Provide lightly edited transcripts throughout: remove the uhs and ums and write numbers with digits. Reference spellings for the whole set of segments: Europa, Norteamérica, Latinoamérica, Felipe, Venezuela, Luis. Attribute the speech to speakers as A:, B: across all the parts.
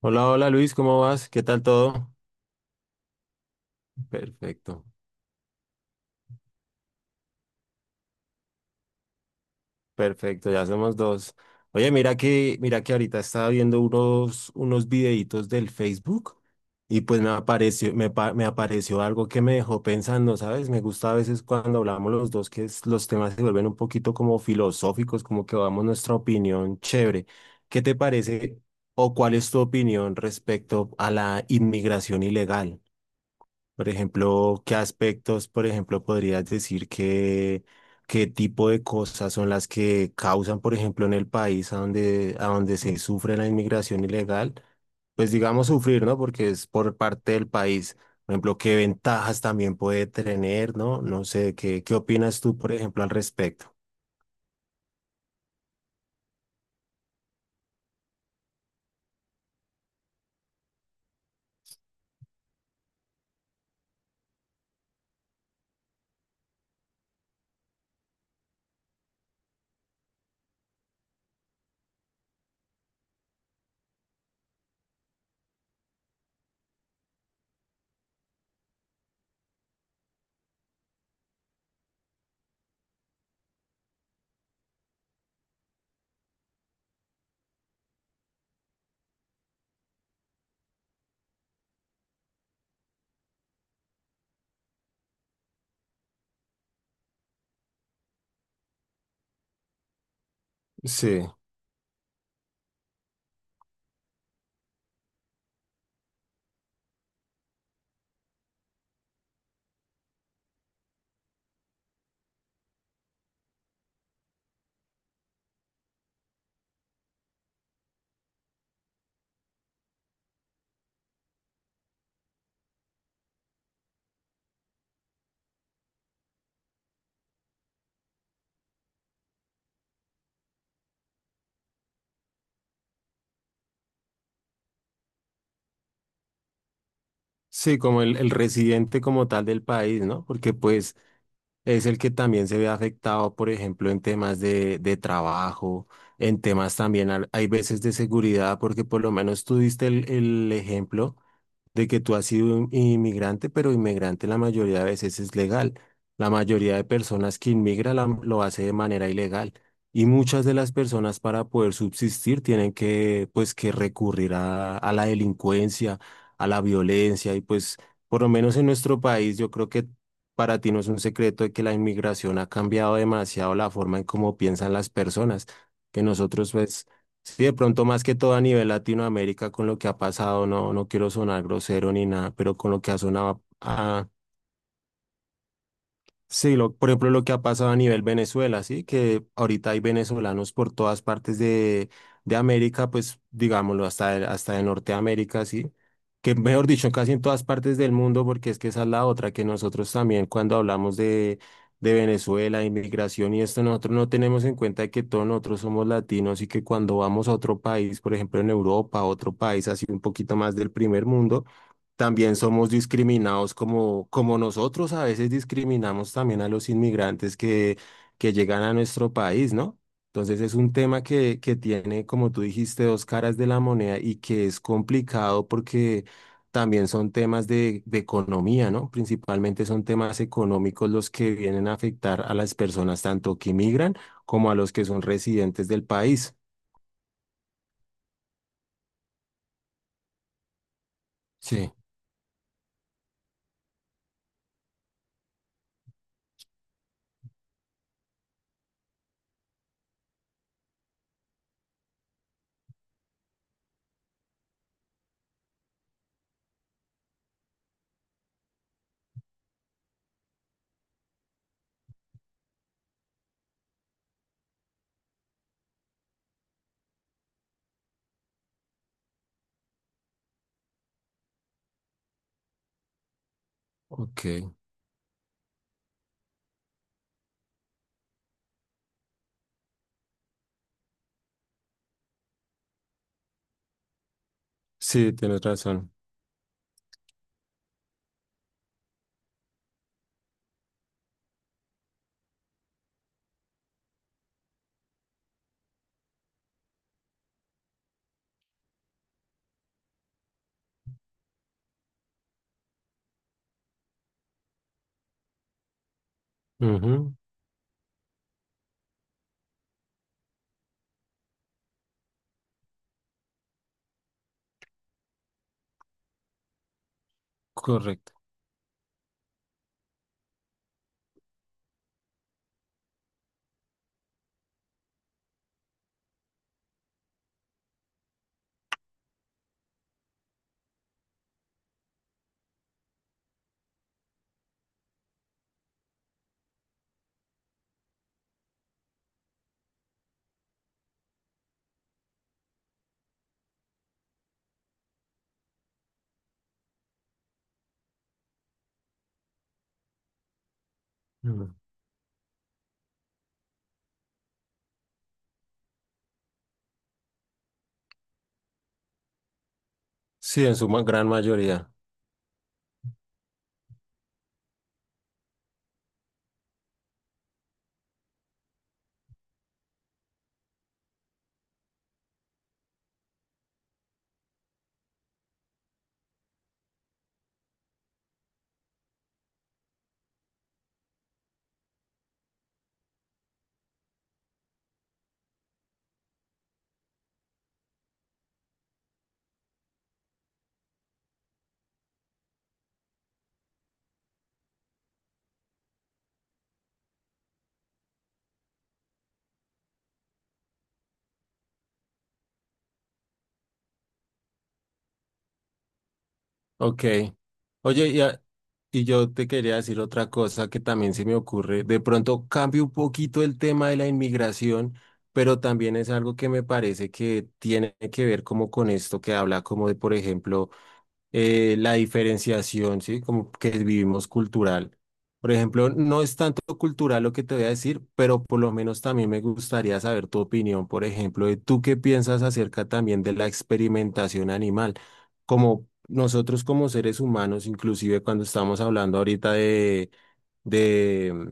A: Hola, hola Luis, ¿cómo vas? ¿Qué tal todo? Perfecto, perfecto, ya somos dos. Oye, mira que ahorita estaba viendo unos videitos del Facebook y pues me apareció, me apareció algo que me dejó pensando, ¿sabes? Me gusta a veces cuando hablamos los dos que los temas se vuelven un poquito como filosóficos, como que damos nuestra opinión chévere. ¿Qué te parece o cuál es tu opinión respecto a la inmigración ilegal? Por ejemplo, ¿qué aspectos, por ejemplo, podrías decir que, qué tipo de cosas son las que causan, por ejemplo, en el país a donde se sufre la inmigración ilegal? Pues digamos sufrir, ¿no? Porque es por parte del país. Por ejemplo, ¿qué ventajas también puede tener, ¿no? No sé, ¿qué, qué opinas tú, por ejemplo, al respecto? Sí, sí, como el residente como tal del país, ¿no? Porque pues... Es el que también se ve afectado, por ejemplo, en temas de trabajo, en temas también, al- hay veces de seguridad, porque por lo menos tú diste el ejemplo de que tú has sido inmigrante, pero inmigrante la mayoría de veces es legal. La mayoría de personas que inmigra lo hace de manera ilegal. Y muchas de las personas para poder subsistir tienen que, pues, que recurrir a la delincuencia, a la violencia. Y pues, por lo menos en nuestro país, yo creo que para ti no es un secreto de que la inmigración ha cambiado demasiado la forma en cómo piensan las personas. Que nosotros, pues, sí, de pronto más que todo a nivel Latinoamérica con lo que ha pasado, no, no quiero sonar grosero ni nada, pero con lo que ha sonado sí, lo, por ejemplo, lo que ha pasado a nivel Venezuela, ¿sí? Que ahorita hay venezolanos por todas partes de América, pues digámoslo, hasta, hasta de Norteamérica, ¿sí? Que mejor dicho, casi en todas partes del mundo, porque es que esa es la otra, que nosotros también cuando hablamos de Venezuela, inmigración y esto, nosotros no tenemos en cuenta que todos nosotros somos latinos y que cuando vamos a otro país, por ejemplo, en Europa, a otro país así un poquito más del primer mundo, también somos discriminados como, como nosotros a veces discriminamos también a los inmigrantes que llegan a nuestro país, ¿no? Entonces es un tema que tiene, como tú dijiste, dos caras de la moneda y que es complicado porque también son temas de economía, ¿no? Principalmente son temas económicos los que vienen a afectar a las personas tanto que migran como a los que son residentes del país. Sí, ok. Sí, tienes razón. Ujú, correcto. Sí, en su gran mayoría. Ok. Oye, y yo te quería decir otra cosa que también se me ocurre. De pronto cambio un poquito el tema de la inmigración, pero también es algo que me parece que tiene que ver como con esto que habla como de, por ejemplo, la diferenciación, ¿sí? Como que vivimos cultural. Por ejemplo, no es tanto cultural lo que te voy a decir, pero por lo menos también me gustaría saber tu opinión, por ejemplo, de tú qué piensas acerca también de la experimentación animal. Como nosotros como seres humanos, inclusive cuando estamos hablando ahorita de,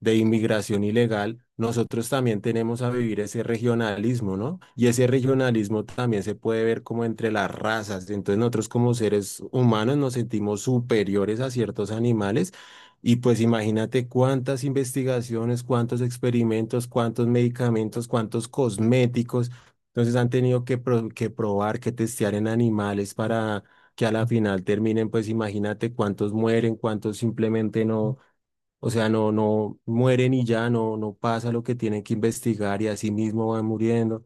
A: de inmigración ilegal, nosotros también tenemos a vivir ese regionalismo, ¿no? Y ese regionalismo también se puede ver como entre las razas. Entonces nosotros como seres humanos nos sentimos superiores a ciertos animales. Y pues imagínate cuántas investigaciones, cuántos experimentos, cuántos medicamentos, cuántos cosméticos. Entonces han tenido que, que probar, que testear en animales para que a la final terminen, pues imagínate cuántos mueren, cuántos simplemente no, o sea, no, no mueren y ya no, no pasa lo que tienen que investigar y así mismo van muriendo.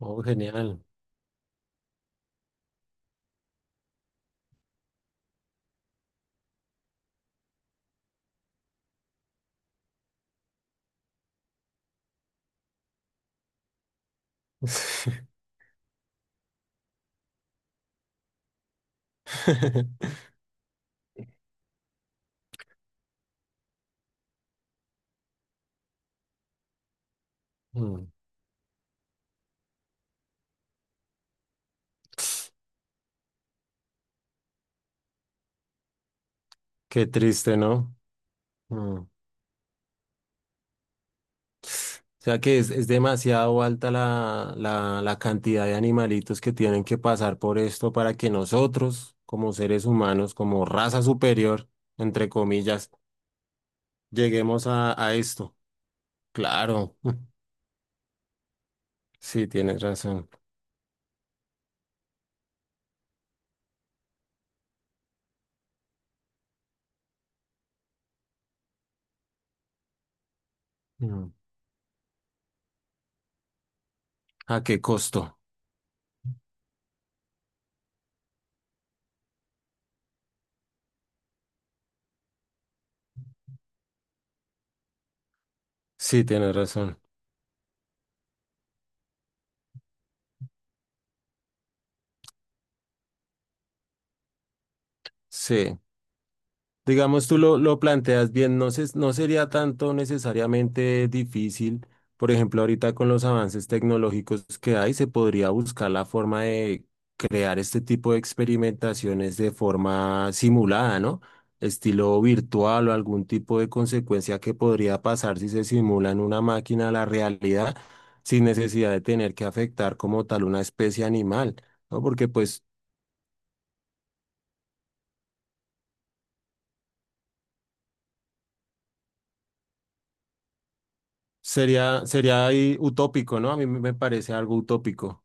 A: Oh, genial. Mm, qué triste, ¿no? Mm. O sea que es demasiado alta la cantidad de animalitos que tienen que pasar por esto para que nosotros, como seres humanos, como raza superior, entre comillas, lleguemos a esto. Claro, sí, tienes razón. Mm. ¿A qué costo? Sí, tienes razón. Sí, digamos tú lo planteas bien, no, no sería tanto necesariamente difícil, por ejemplo, ahorita con los avances tecnológicos que hay, se podría buscar la forma de crear este tipo de experimentaciones de forma simulada, ¿no? Estilo virtual o algún tipo de consecuencia que podría pasar si se simula en una máquina la realidad sin necesidad de tener que afectar como tal una especie animal. ¿No? Porque pues sería, sería ahí utópico, ¿no? A mí me parece algo utópico.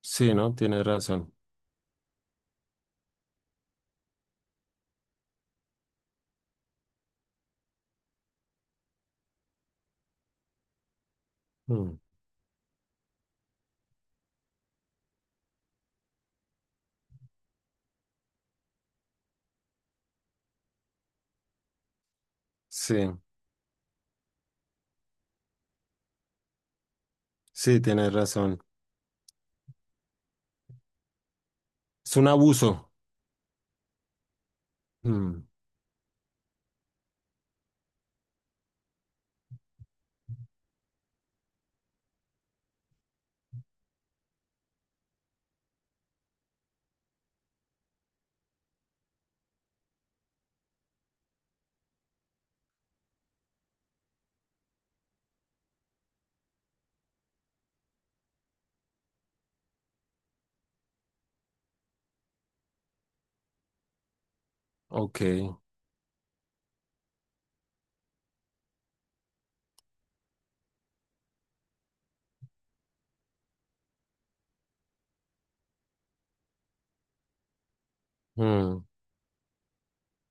A: Sí, ¿no? Tienes razón. Mm. Sí, sí, tienes razón. Es un abuso. Mm. Ok. Mm.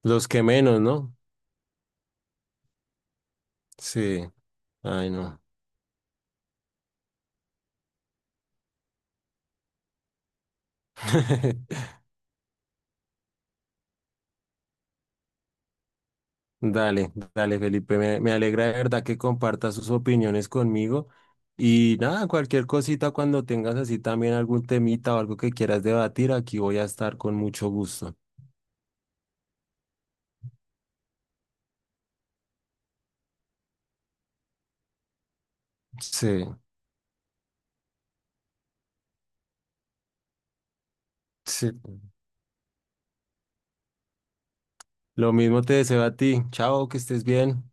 A: Los que menos, ¿no? Sí. Ay, no. Dale, dale, Felipe. Me alegra de verdad que compartas sus opiniones conmigo. Y nada, cualquier cosita cuando tengas así también algún temita o algo que quieras debatir, aquí voy a estar con mucho gusto. Sí, sí. Lo mismo te deseo a ti. Chao, que estés bien.